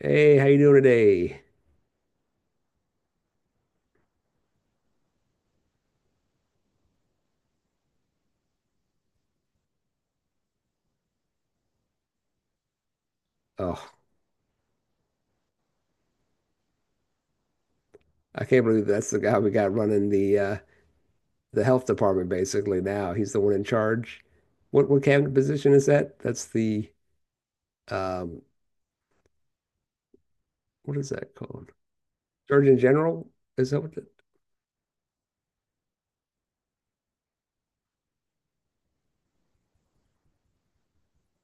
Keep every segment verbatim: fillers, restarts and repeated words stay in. Hey, how you doing today? Oh, I can't believe that's the guy we got running the uh the health department basically now. He's the one in charge. What what cabinet position is that? That's the um what is that called? Surgeon General? Is that what the,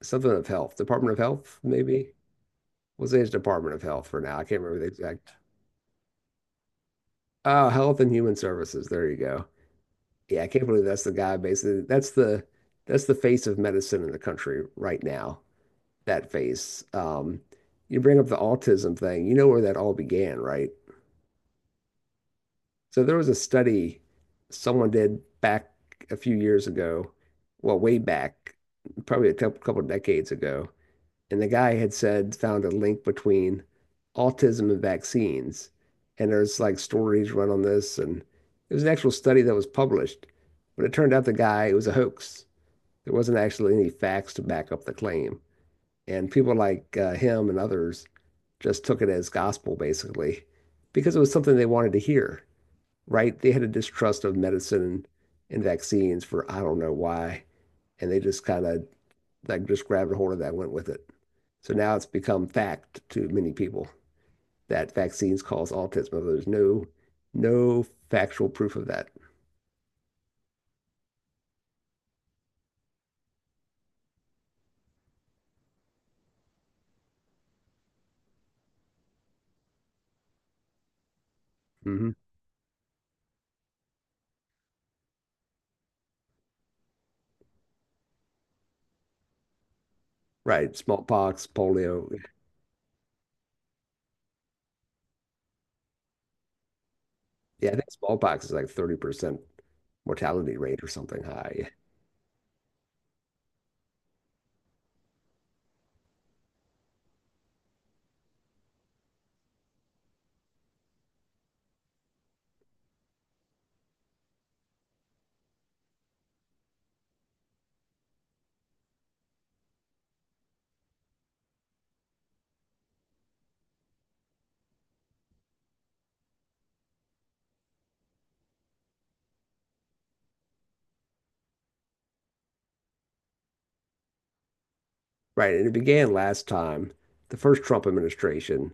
something of health? Department of Health, maybe? We'll say it's Department of Health for now. I can't remember the exact. Oh, Health and Human Services. There you go. Yeah, I can't believe that's the guy basically. That's the that's the face of medicine in the country right now. That face. Um, you bring up the autism thing. You know where that all began, right? So there was a study someone did back a few years ago, well, way back, probably a couple couple decades ago, and the guy had said found a link between autism and vaccines. And there's like stories run on this, and it was an actual study that was published, but it turned out the guy it was a hoax. There wasn't actually any facts to back up the claim. And people like uh, him and others just took it as gospel, basically, because it was something they wanted to hear, right? They had a distrust of medicine and vaccines for I don't know why. And they just kind of like just grabbed a hold of that and went with it. So now it's become fact to many people that vaccines cause autism. But There's no no factual proof of that. Hmm. Right. Smallpox, polio. Yeah, I think smallpox is like thirty percent mortality rate or something high. Right. And it began last time, the first Trump administration,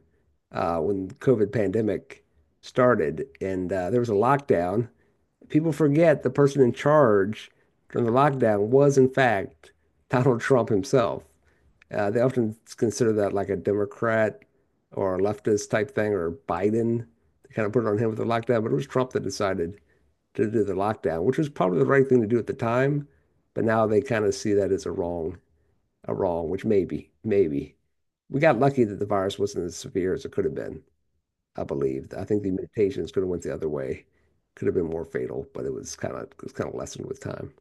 uh, when the COVID pandemic started, and uh, there was a lockdown. People forget the person in charge during the lockdown was, in fact, Donald Trump himself. Uh, they often consider that like a Democrat or a leftist type thing, or Biden. They kind of put it on him with the lockdown, but it was Trump that decided to do the lockdown, which was probably the right thing to do at the time. But now they kind of see that as a wrong uh, wrong, which maybe, maybe. We got lucky that the virus wasn't as severe as it could have been, I believe. I think the mutations could have went the other way, could have been more fatal, but it was kind of it was kind of lessened with time.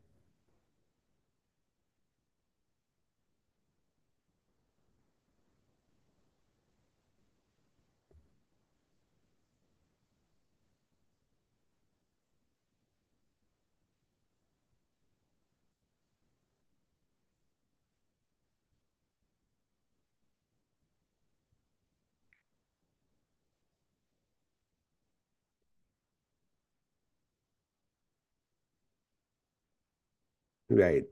Right,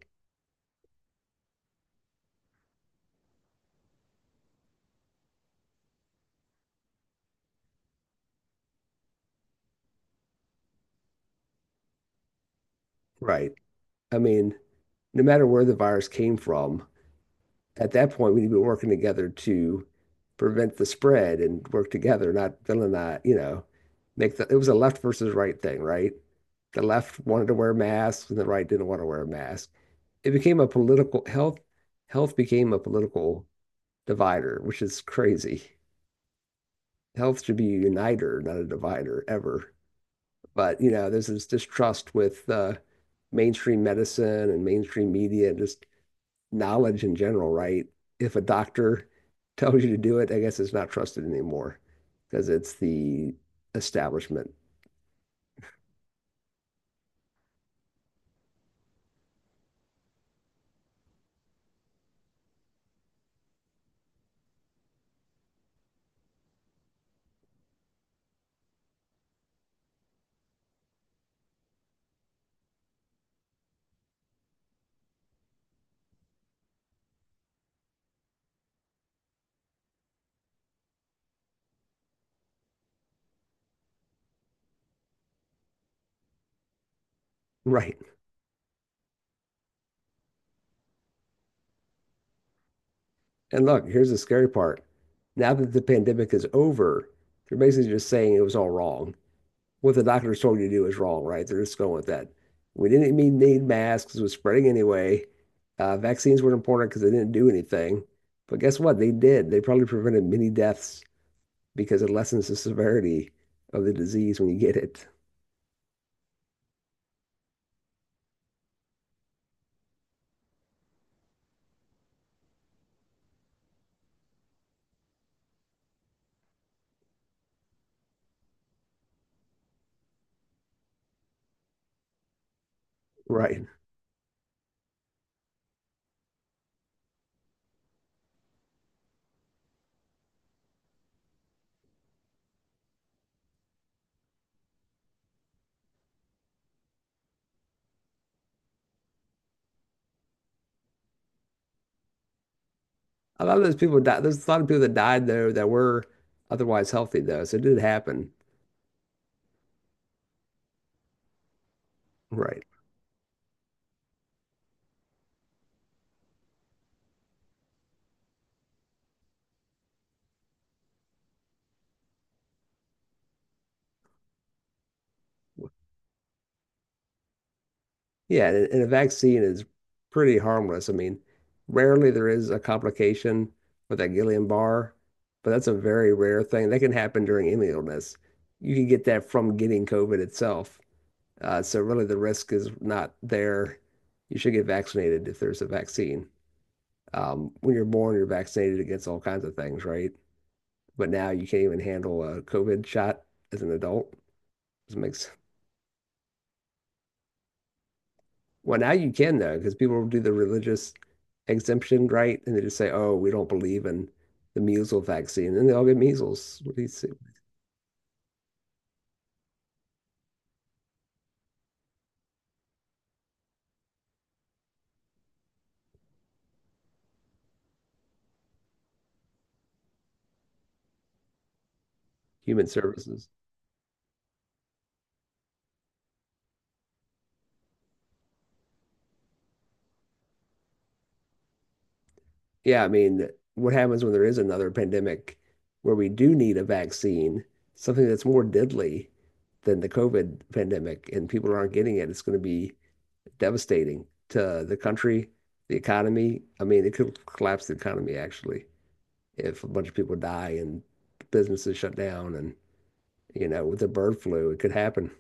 right. I mean, no matter where the virus came from, at that point we need to be working together to prevent the spread and work together, not villainize, you know, make the it was a left versus right thing, right? The left wanted to wear masks and the right didn't want to wear a mask. It became a political health health became a political divider, which is crazy. Health should be a uniter, not a divider, ever. But you know, there's this distrust with uh, mainstream medicine and mainstream media and just knowledge in general, right? If a doctor tells you to do it, I guess it's not trusted anymore because it's the establishment, right? And look, here's the scary part. Now that the pandemic is over, they're basically just saying it was all wrong what the doctors told you to do is wrong, right? They're just going with that. We didn't even need masks, it was spreading anyway. Uh, vaccines weren't important because they didn't do anything. But guess what? They did. They probably prevented many deaths because it lessens the severity of the disease when you get it. Right. A lot of those people died. There's a lot of people that died though that were otherwise healthy though. So it did happen. Right. Yeah, and and a vaccine is pretty harmless. I mean, rarely there is a complication with that Guillain-Barré, but that's a very rare thing. That can happen during any illness. You can get that from getting COVID itself. Uh, so really the risk is not there. You should get vaccinated if there's a vaccine. Um, when you're born, you're vaccinated against all kinds of things, right? But now you can't even handle a COVID shot as an adult. Does it make Well, now you can though, because people do the religious exemption, right? And they just say, "Oh, we don't believe in the measles vaccine," and they all get measles. What do you say, human services. Yeah, I mean, what happens when there is another pandemic where we do need a vaccine, something that's more deadly than the COVID pandemic, and people aren't getting it? It's going to be devastating to the country, the economy. I mean, it could collapse the economy actually if a bunch of people die and businesses shut down and you know, with the bird flu. It could happen,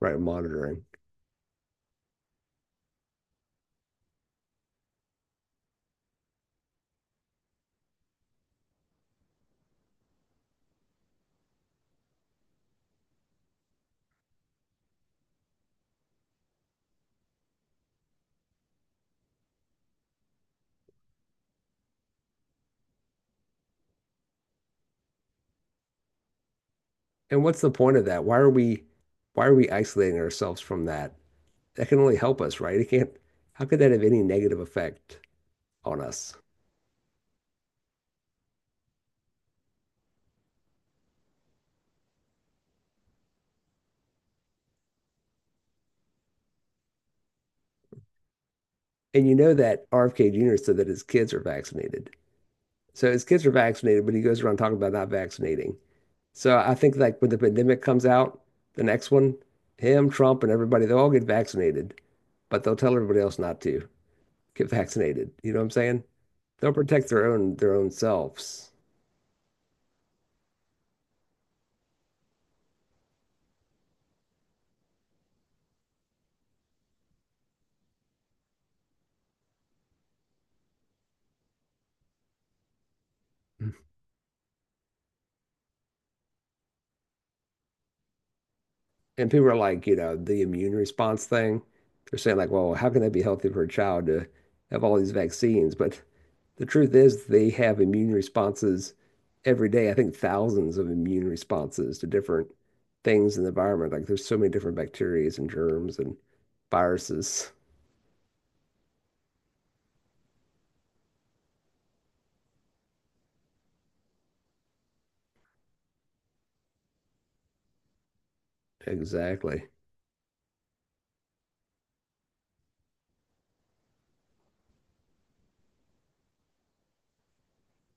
right? With monitoring. And what's the point of that? Why are we why are we isolating ourselves from that? That can only help us, right? It can't how could that have any negative effect on us? And you know that R F K Junior said that his kids are vaccinated. So his kids are vaccinated, but he goes around talking about not vaccinating. So I think like when the pandemic comes out, the next one, him, Trump, and everybody, they'll all get vaccinated, but they'll tell everybody else not to get vaccinated. You know what I'm saying? They'll protect their own their own selves. And people are like, you know, the immune response thing. They're saying like, well, how can that be healthy for a child to have all these vaccines? But the truth is they have immune responses every day. I think thousands of immune responses to different things in the environment. Like there's so many different bacteria and germs and viruses. Exactly.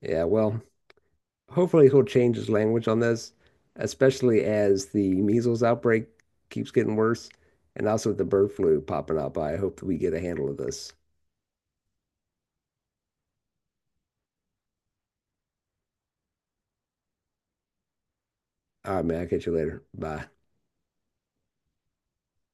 Yeah, well, hopefully he'll change his language on this, especially as the measles outbreak keeps getting worse and also the bird flu popping up. I hope that we get a handle of this. All right, man, I'll catch you later. Bye.